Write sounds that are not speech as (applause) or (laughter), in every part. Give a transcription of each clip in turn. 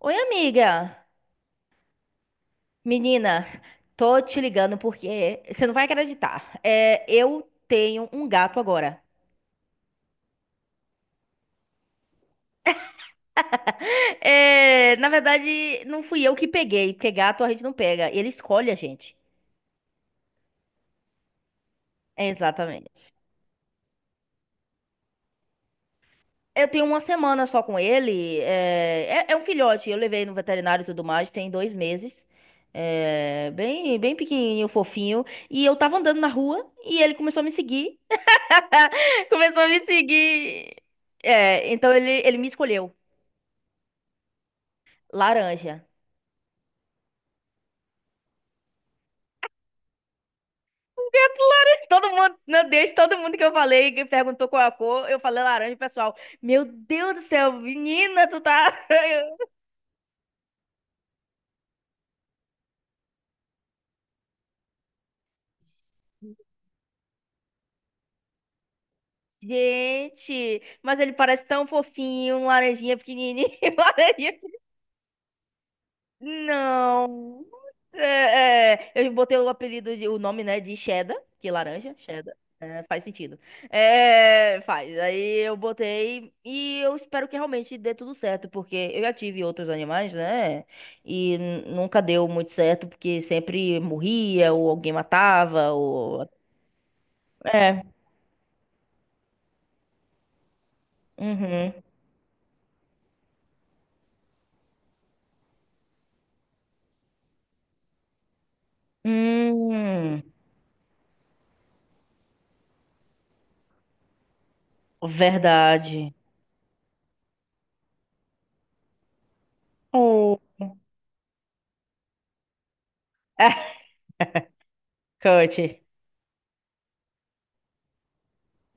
Oi, amiga. Menina, tô te ligando porque você não vai acreditar. Eu tenho um gato agora. (laughs) Na verdade, não fui eu que peguei, porque gato a gente não pega, ele escolhe a gente. Exatamente. Eu tenho uma semana só com ele. É um filhote, eu levei no veterinário e tudo mais, tem 2 meses. Bem, bem pequenininho, fofinho. E eu tava andando na rua e ele começou a me seguir. (laughs) Começou a me seguir. Então ele me escolheu. Laranja. Gato laranja. Todo mundo, meu Deus, todo mundo que eu falei, que perguntou qual é a cor, eu falei laranja, pessoal. Meu Deus do céu, menina, tu tá. (laughs) Gente, mas ele parece tão fofinho, um laranjinha pequenininho, (laughs) laranjinha. Não. Eu botei o apelido, de, o nome, né, de cheddar, que é laranja, cheddar. Faz sentido. Faz. Aí eu botei e eu espero que realmente dê tudo certo, porque eu já tive outros animais, né? E nunca deu muito certo, porque sempre morria, ou alguém matava, ou. É. Uhum. Hum, verdade. Oh. (laughs) É, cut.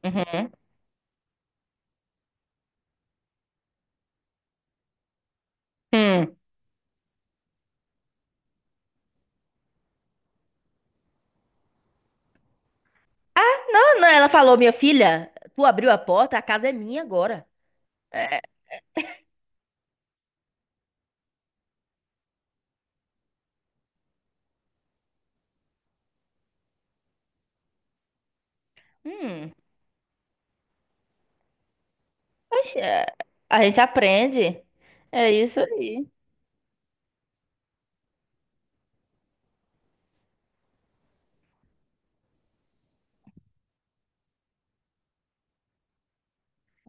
Uhum. Hum. Não, não, ela falou, minha filha, tu abriu a porta, a casa é minha agora. É, hum, oxe, é, a gente aprende. É isso aí.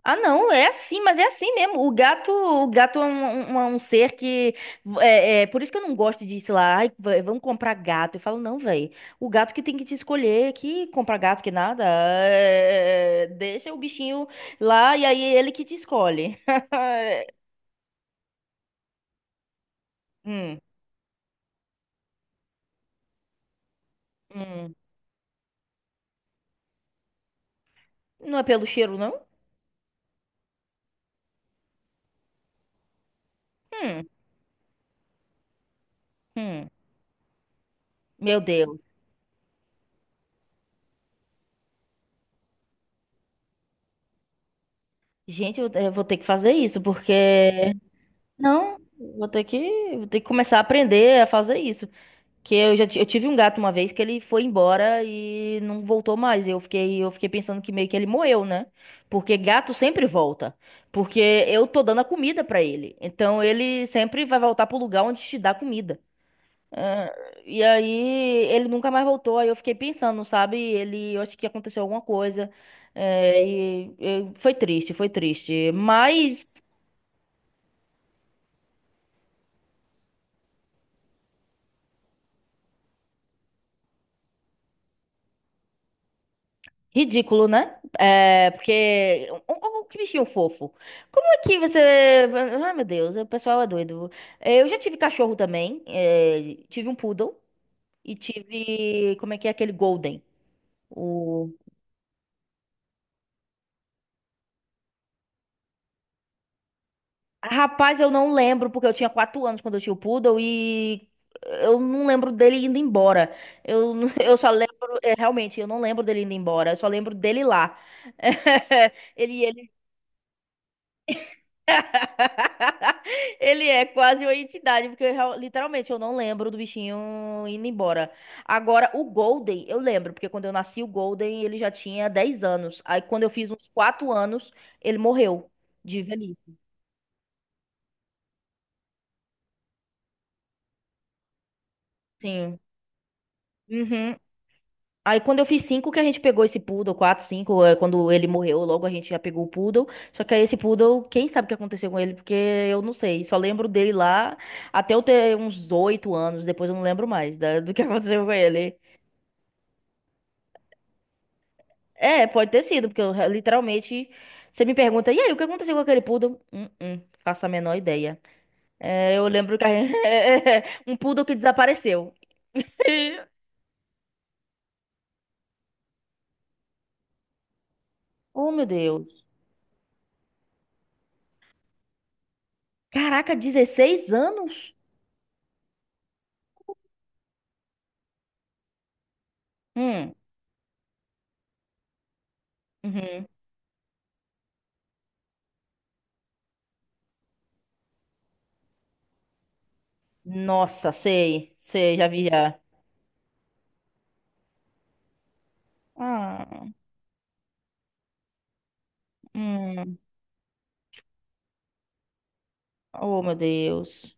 Ah, não, é assim, mas é assim mesmo. O gato é um ser que. Por isso que eu não gosto de, sei lá, ai, vamos comprar gato. Eu falo, não, velho. O gato que tem que te escolher, que comprar gato, que nada. Deixa o bichinho lá e aí é ele que te escolhe. (laughs) Hum, hum. Não é pelo cheiro, não? Hum, hum. Meu Deus. Gente, eu vou ter que fazer isso, porque. Não, vou ter que começar a aprender a fazer isso. Que eu já ti- eu tive um gato uma vez que ele foi embora e não voltou mais. Eu fiquei pensando que meio que ele morreu, né? Porque gato sempre volta. Porque eu tô dando a comida pra ele. Então ele sempre vai voltar pro lugar onde te dá comida. E aí ele nunca mais voltou. Aí eu fiquei pensando, sabe? Eu acho que aconteceu alguma coisa. E foi triste, foi triste. Mas ridículo, né? Porque. O Que bichinho fofo. Como é que você. Ai, meu Deus, o pessoal é doido. Eu já tive cachorro também. Tive um poodle e tive. Como é que é aquele golden? Rapaz, eu não lembro, porque eu tinha 4 anos quando eu tinha o Poodle e eu não lembro dele indo embora. Eu, (laughs) eu só lembro, realmente, eu não lembro dele indo embora, eu só lembro dele lá. (laughs) Ele... (laughs) ele é quase uma entidade, porque eu real- literalmente eu não lembro do bichinho indo embora. Agora, o Golden, eu lembro, porque quando eu nasci, o Golden, ele já tinha 10 anos. Aí, quando eu fiz uns 4 anos, ele morreu de velhice. Sim. Uhum. Aí quando eu fiz cinco que a gente pegou esse poodle, quatro, cinco, quando ele morreu, logo a gente já pegou o poodle. Só que aí esse poodle, quem sabe o que aconteceu com ele, porque eu não sei. Só lembro dele lá até eu ter uns 8 anos, depois eu não lembro mais do que (laughs) aconteceu com ele. Pode ter sido, porque eu literalmente, você me pergunta, e aí, o que aconteceu com aquele poodle? Faço a menor ideia. Eu lembro que a gente... (laughs) um poodle que desapareceu. (laughs) Oh, meu Deus. Caraca, 16 anos? Hum. Uhum. Nossa, sei, sei, já vi já. Ah, hum, oh meu Deus.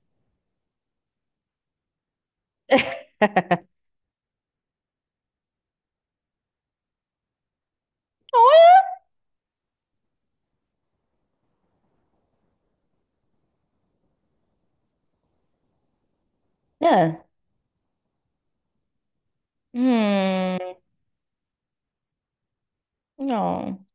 É. Hum, não.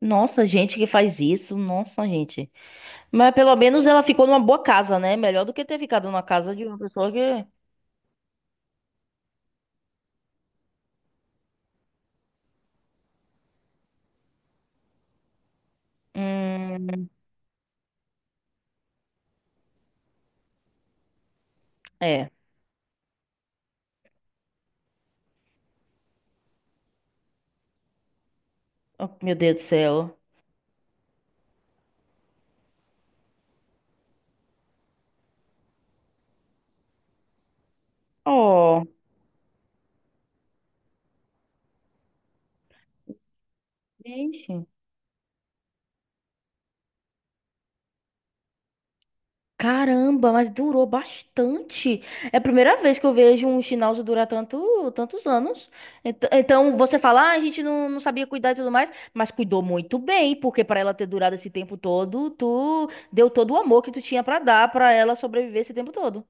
Nossa, gente que faz isso, nossa, gente. Mas pelo menos ela ficou numa boa casa, né? Melhor do que ter ficado numa casa de uma pessoa que. Hum, é. Oh, meu Deus do céu. Oh, gente. Caramba, mas durou bastante. É a primeira vez que eu vejo um Schnauz durar tanto, tantos anos. Então, você fala, ah, a gente não sabia cuidar e tudo mais, mas cuidou muito bem, porque para ela ter durado esse tempo todo, tu deu todo o amor que tu tinha para dar para ela sobreviver esse tempo todo.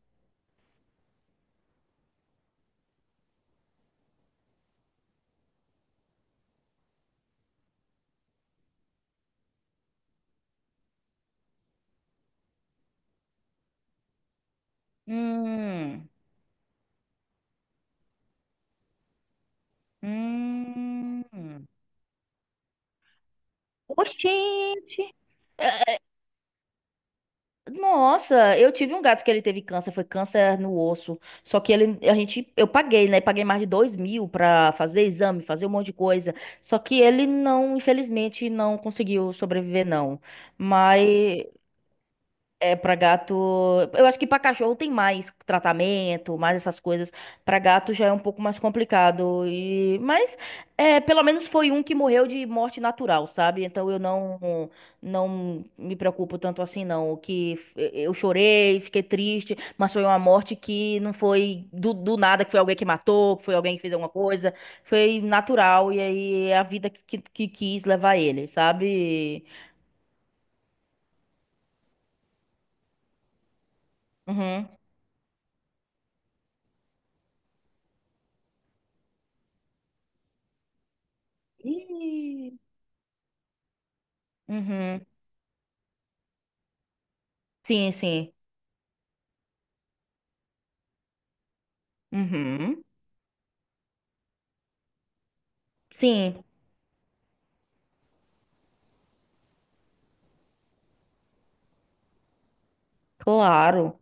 Hum, hum. Oxente! É, Nossa, eu tive um gato que ele teve câncer, foi câncer no osso. Só que ele, a gente, eu paguei, né? Paguei mais de 2 mil pra fazer exame, fazer um monte de coisa. Só que ele não, infelizmente, não conseguiu sobreviver, não. Mas pra gato. Eu acho que pra cachorro tem mais tratamento, mais essas coisas. Pra gato já é um pouco mais complicado. E... Mas, pelo menos foi um que morreu de morte natural, sabe? Então eu não me preocupo tanto assim, não. O que eu chorei, fiquei triste, mas foi uma morte que não foi do nada, que foi alguém que matou, que foi alguém que fez alguma coisa. Foi natural, e aí é a vida que quis levar ele, sabe? Uhum. Ih. Uhum. Sim, sim. Uhum. Sim, claro.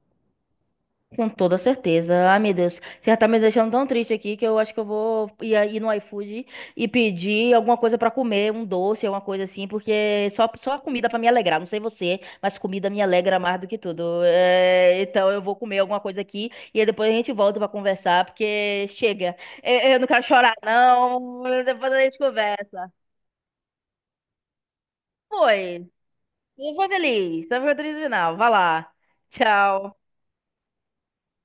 Com toda certeza. Ai, meu Deus. Você já tá me deixando tão triste aqui que eu acho que eu vou ir, aí no iFood e pedir alguma coisa pra comer, um doce, alguma coisa assim, porque só, só comida pra me alegrar. Não sei você, mas comida me alegra mais do que tudo. Então eu vou comer alguma coisa aqui e aí depois a gente volta pra conversar, porque chega. Eu não quero chorar, não. Depois a gente conversa. Foi. Eu fui feliz. Eu foi o final. Vai lá. Tchau.